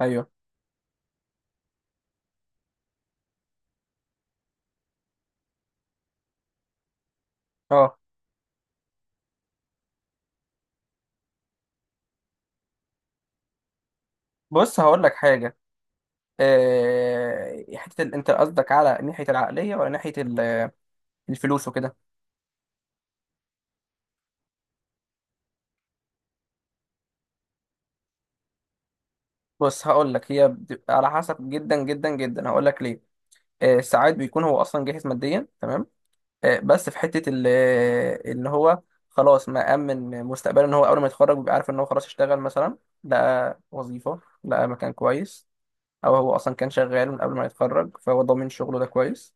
ايوه اه بص هقول لك حاجه. حته انت قصدك على ناحيه العقليه ولا ناحيه الفلوس وكده. بص هقول لك، هي بتبقى على حسب، جدا جدا جدا. هقول لك ليه. ساعات بيكون هو اصلا جاهز ماديا، تمام. بس في حته ال... آه، ان هو خلاص مأمن مستقبله، ان هو اول ما يتخرج بيبقى عارف ان هو خلاص اشتغل مثلا، لقى وظيفه، لقى مكان كويس. او هو اصلا كان شغال من قبل ما يتخرج فهو ضامن شغله ده كويس.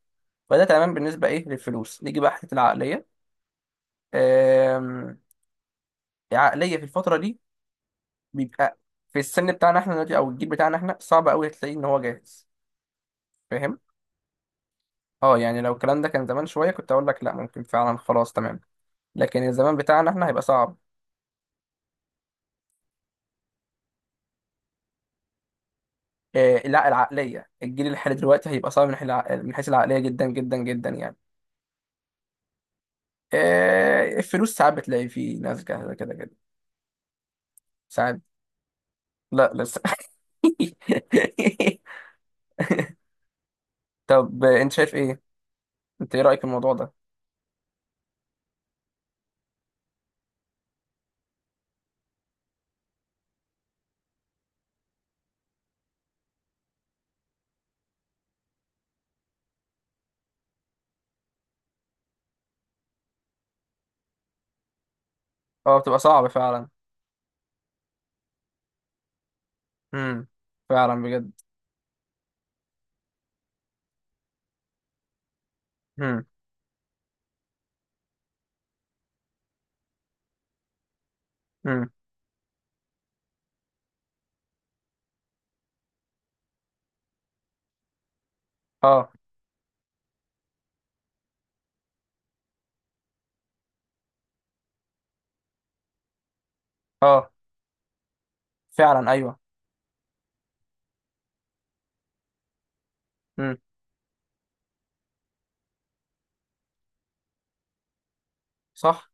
فده تمام بالنسبه ايه للفلوس. نيجي بقى حته العقليه. آم، عقلية في الفترة دي بيبقى في السن بتاعنا احنا دلوقتي او الجيل بتاعنا احنا، صعب قوي تلاقيه ان هو جاهز. فاهم؟ اه، يعني لو الكلام ده كان زمان شوية كنت اقول لك لا، ممكن فعلا خلاص تمام. لكن الزمان بتاعنا احنا هيبقى صعب. آه لا، العقلية الجيل اللي حالي دلوقتي هيبقى صعب من حيث من حيث العقلية، جدا جدا جدا يعني. آه، الفلوس ساعات بتلاقي فيه ناس جاهزة كده كده. ساعات. لا لسه. طب، انت شايف ايه؟ انت ايه رأيك في الموضوع ده؟ اه بتبقى صعب فعلا. امم. فعلا بجد. امم. امم. اه. اه. فعلا ايوه. امم. صح.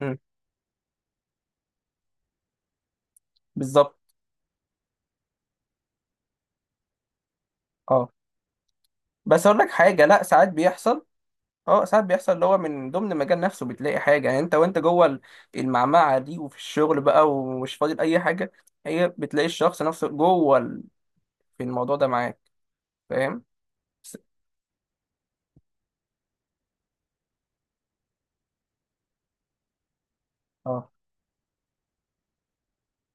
امم. بالظبط. اه. بس اقول لك حاجه. لا ساعات بيحصل. اه ساعات بيحصل، اللي هو من ضمن المجال نفسه بتلاقي حاجه. يعني انت وانت جوه المعمعه دي، وفي الشغل بقى، ومش فاضل اي حاجه، هي بتلاقي الشخص نفسه جوه في الموضوع ده معاك. فاهم؟ بس- اه.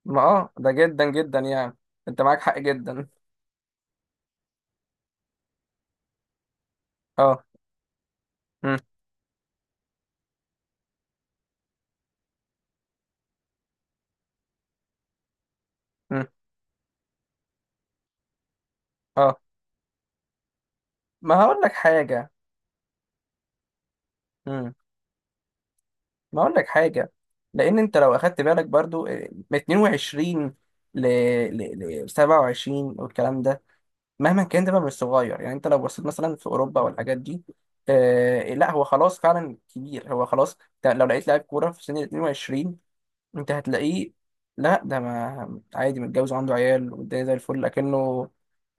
ما ده جدا جدا يعني. انت معاك حق جدا. اه. امم. امم. اه. ما هقول لك حاجه. ما اقول لك حاجه. لان انت لو اخدت بالك برضو، من 22 ل ل 27 والكلام ده. مهما كان، ده بقى مش صغير يعني. انت لو بصيت مثلا في اوروبا والحاجات دي، آه لا، هو خلاص فعلا كبير. هو خلاص. ده لو لقيت لاعب كوره في سن ال 22 انت هتلاقيه. لا ده، ما عادي متجوز وعنده عيال والدنيا زي الفل. لكنه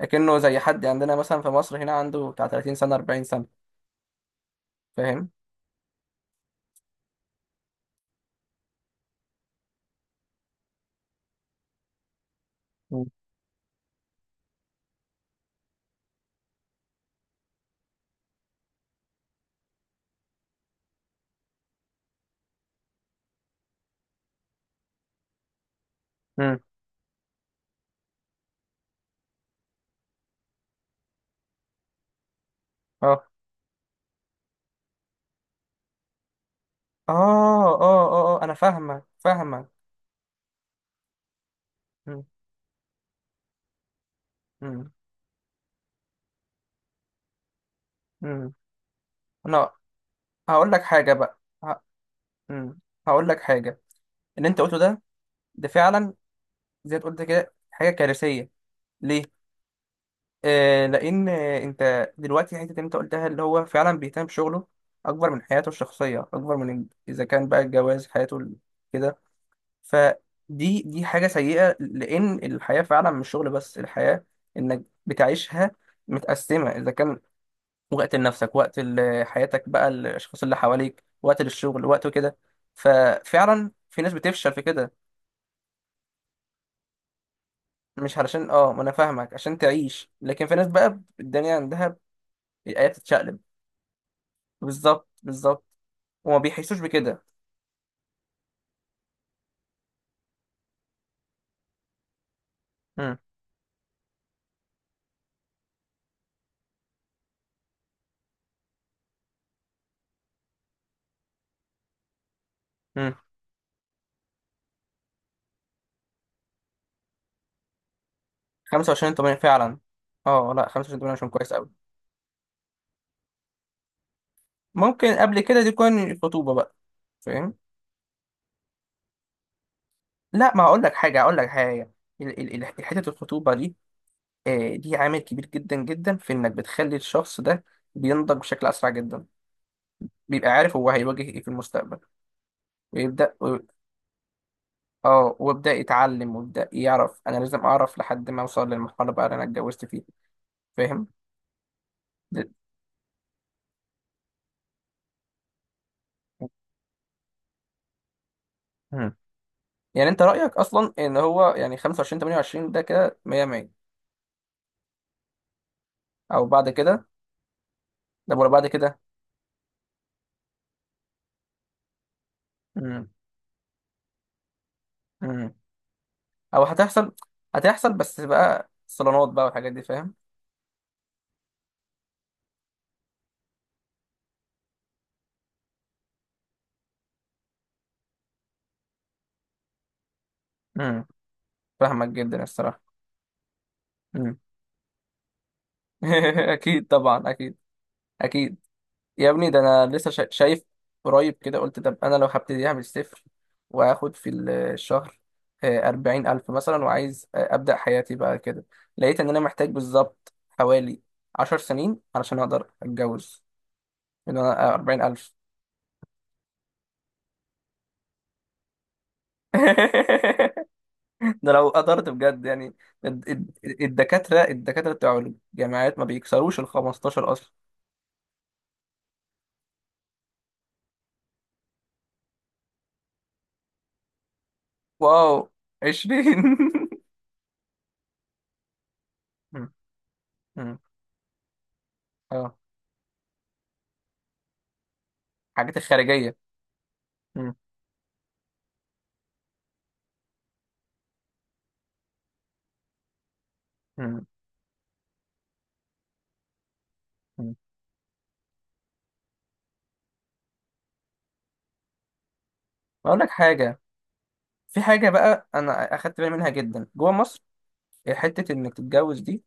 لكنه زي حد عندنا مثلا في مصر هنا عنده بتاع 30 سنه 40 سنه. فاهم؟ مم. امم. اه. اه. اه. آه، انا فاهمه فاهمه. مم، مم، مم. انا هقول لك حاجه بقى. ه- مم. هقول لك حاجه. اللي انت قلته ده، ده فعلا زي ما قلت كده، حاجه كارثيه. ليه؟ آه، لان انت دلوقتي الحته اللي انت قلتها اللي هو فعلا بيهتم بشغله اكبر من حياته الشخصيه، اكبر من اذا كان بقى الجواز حياته كده. فدي دي حاجه سيئه. لان الحياه فعلا مش شغل بس. الحياه انك بتعيشها متقسمه، اذا كان وقت لنفسك، وقت حياتك بقى الاشخاص اللي حواليك، وقت للشغل، وقت كده. ففعلا في ناس بتفشل في كده. مش علشان اه، ما انا فاهمك عشان تعيش. لكن في ناس بقى الدنيا عندها الايات بتتشقلب. بالظبط بالظبط. وما بيحسوش بكده. امم. امم. 25 8 فعلا. اه لا 25 8 عشان كويس قوي. ممكن قبل كده دي تكون الخطوبه بقى. فاهم؟ لا، ما هقول لك حاجه، هقول لك حاجه. حته الخطوبه دي، آه، دي عامل كبير جدا جدا في انك بتخلي الشخص ده بينضج بشكل اسرع جدا. بيبقى عارف هو هيواجه ايه في المستقبل. ويبدا و- اه ويبدا يتعلم ويبدا يعرف انا لازم اعرف لحد ما اوصل للمرحله بقى اللي انا اتجوزت فيها. فاهم؟ د- مم. يعني انت رايك اصلا ان هو يعني 25 28 ده كده 100 100. او بعد كده؟ ده ولا بعد كده؟ مم. مم. او هتحصل. هتحصل بس بقى صالونات بقى والحاجات دي، فاهم. مم. فاهمك جدا الصراحه. مم. اكيد طبعا اكيد. اكيد. يا ابني، ده انا لسه شايف قريب كده، قلت طب انا لو هبتديها من الصفر وهاخد في الشهر 40 ألف مثلا، وعايز أبدأ حياتي بقى كده، لقيت إن أنا محتاج بالظبط حوالي 10 سنين علشان أقدر أتجوز. إن أنا 40 ألف. ده لو قدرت بجد يعني. الدكاترة بتوع الجامعات ما بيكسروش ال 15 أصلا. واو. 20؟ م- م- اه. الحاجات الخارجية. م- م- م. اقول لك حاجه. في حاجه بقى انا اخدت بالي منها جدا جوه مصر. حته انك تتجوز دي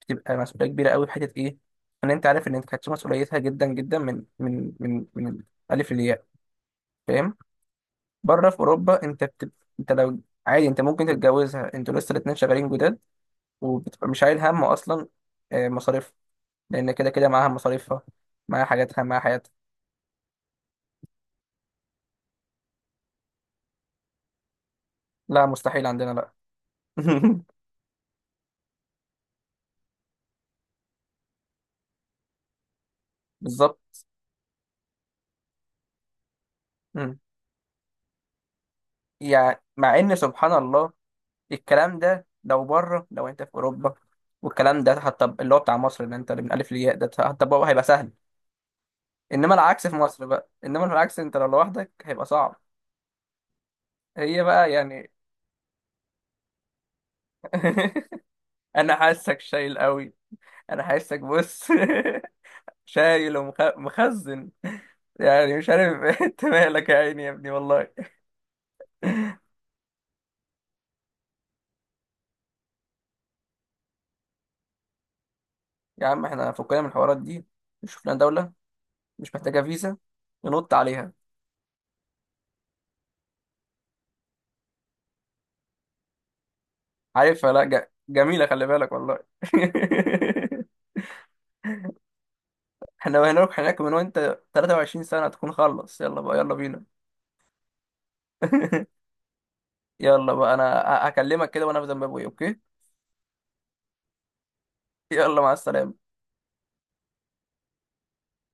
بتبقى مسؤوليه كبيره قوي، في حته ايه؟ ان انت عارف ان انت هتشيل مسؤوليتها جدا جدا، من الالف للياء. فاهم؟ بره في اوروبا انت بتبقى، انت لو عادي انت ممكن تتجوزها، انتوا لسه الاتنين شغالين جداد، وبتبقى مش شايل هم اصلا. مصاريف. لان كده كده معاها مصاريفها، معاها حاجاتها، معاها حياتها. لا مستحيل عندنا، لا. بالظبط. مم. يعني مع ان سبحان الله الكلام ده لو بره، لو انت في اوروبا، والكلام ده حتى اللي هو بتاع مصر اللي انت اللي من الف للياء ده، حتى هو هيبقى سهل. انما العكس في مصر بقى، انما العكس، انت لو لوحدك هيبقى صعب. هي بقى يعني. انا حاسك شايل قوي. انا حاسك بص شايل ومخزن. يعني مش عارف. انت مالك يا عيني يا ابني والله. يا عم احنا فكنا من الحوارات دي، نشوف لنا دولة مش محتاجة فيزا ننط عليها. عارفها. لا، جميلة. خلي بالك والله. احنا هنروح هناك، من وانت 23 سنة تكون خلص، يلا بقى، يلا بينا. يلا بقى، انا هكلمك كده وانا في زيمبابوي، اوكي؟ يلا مع السلامة.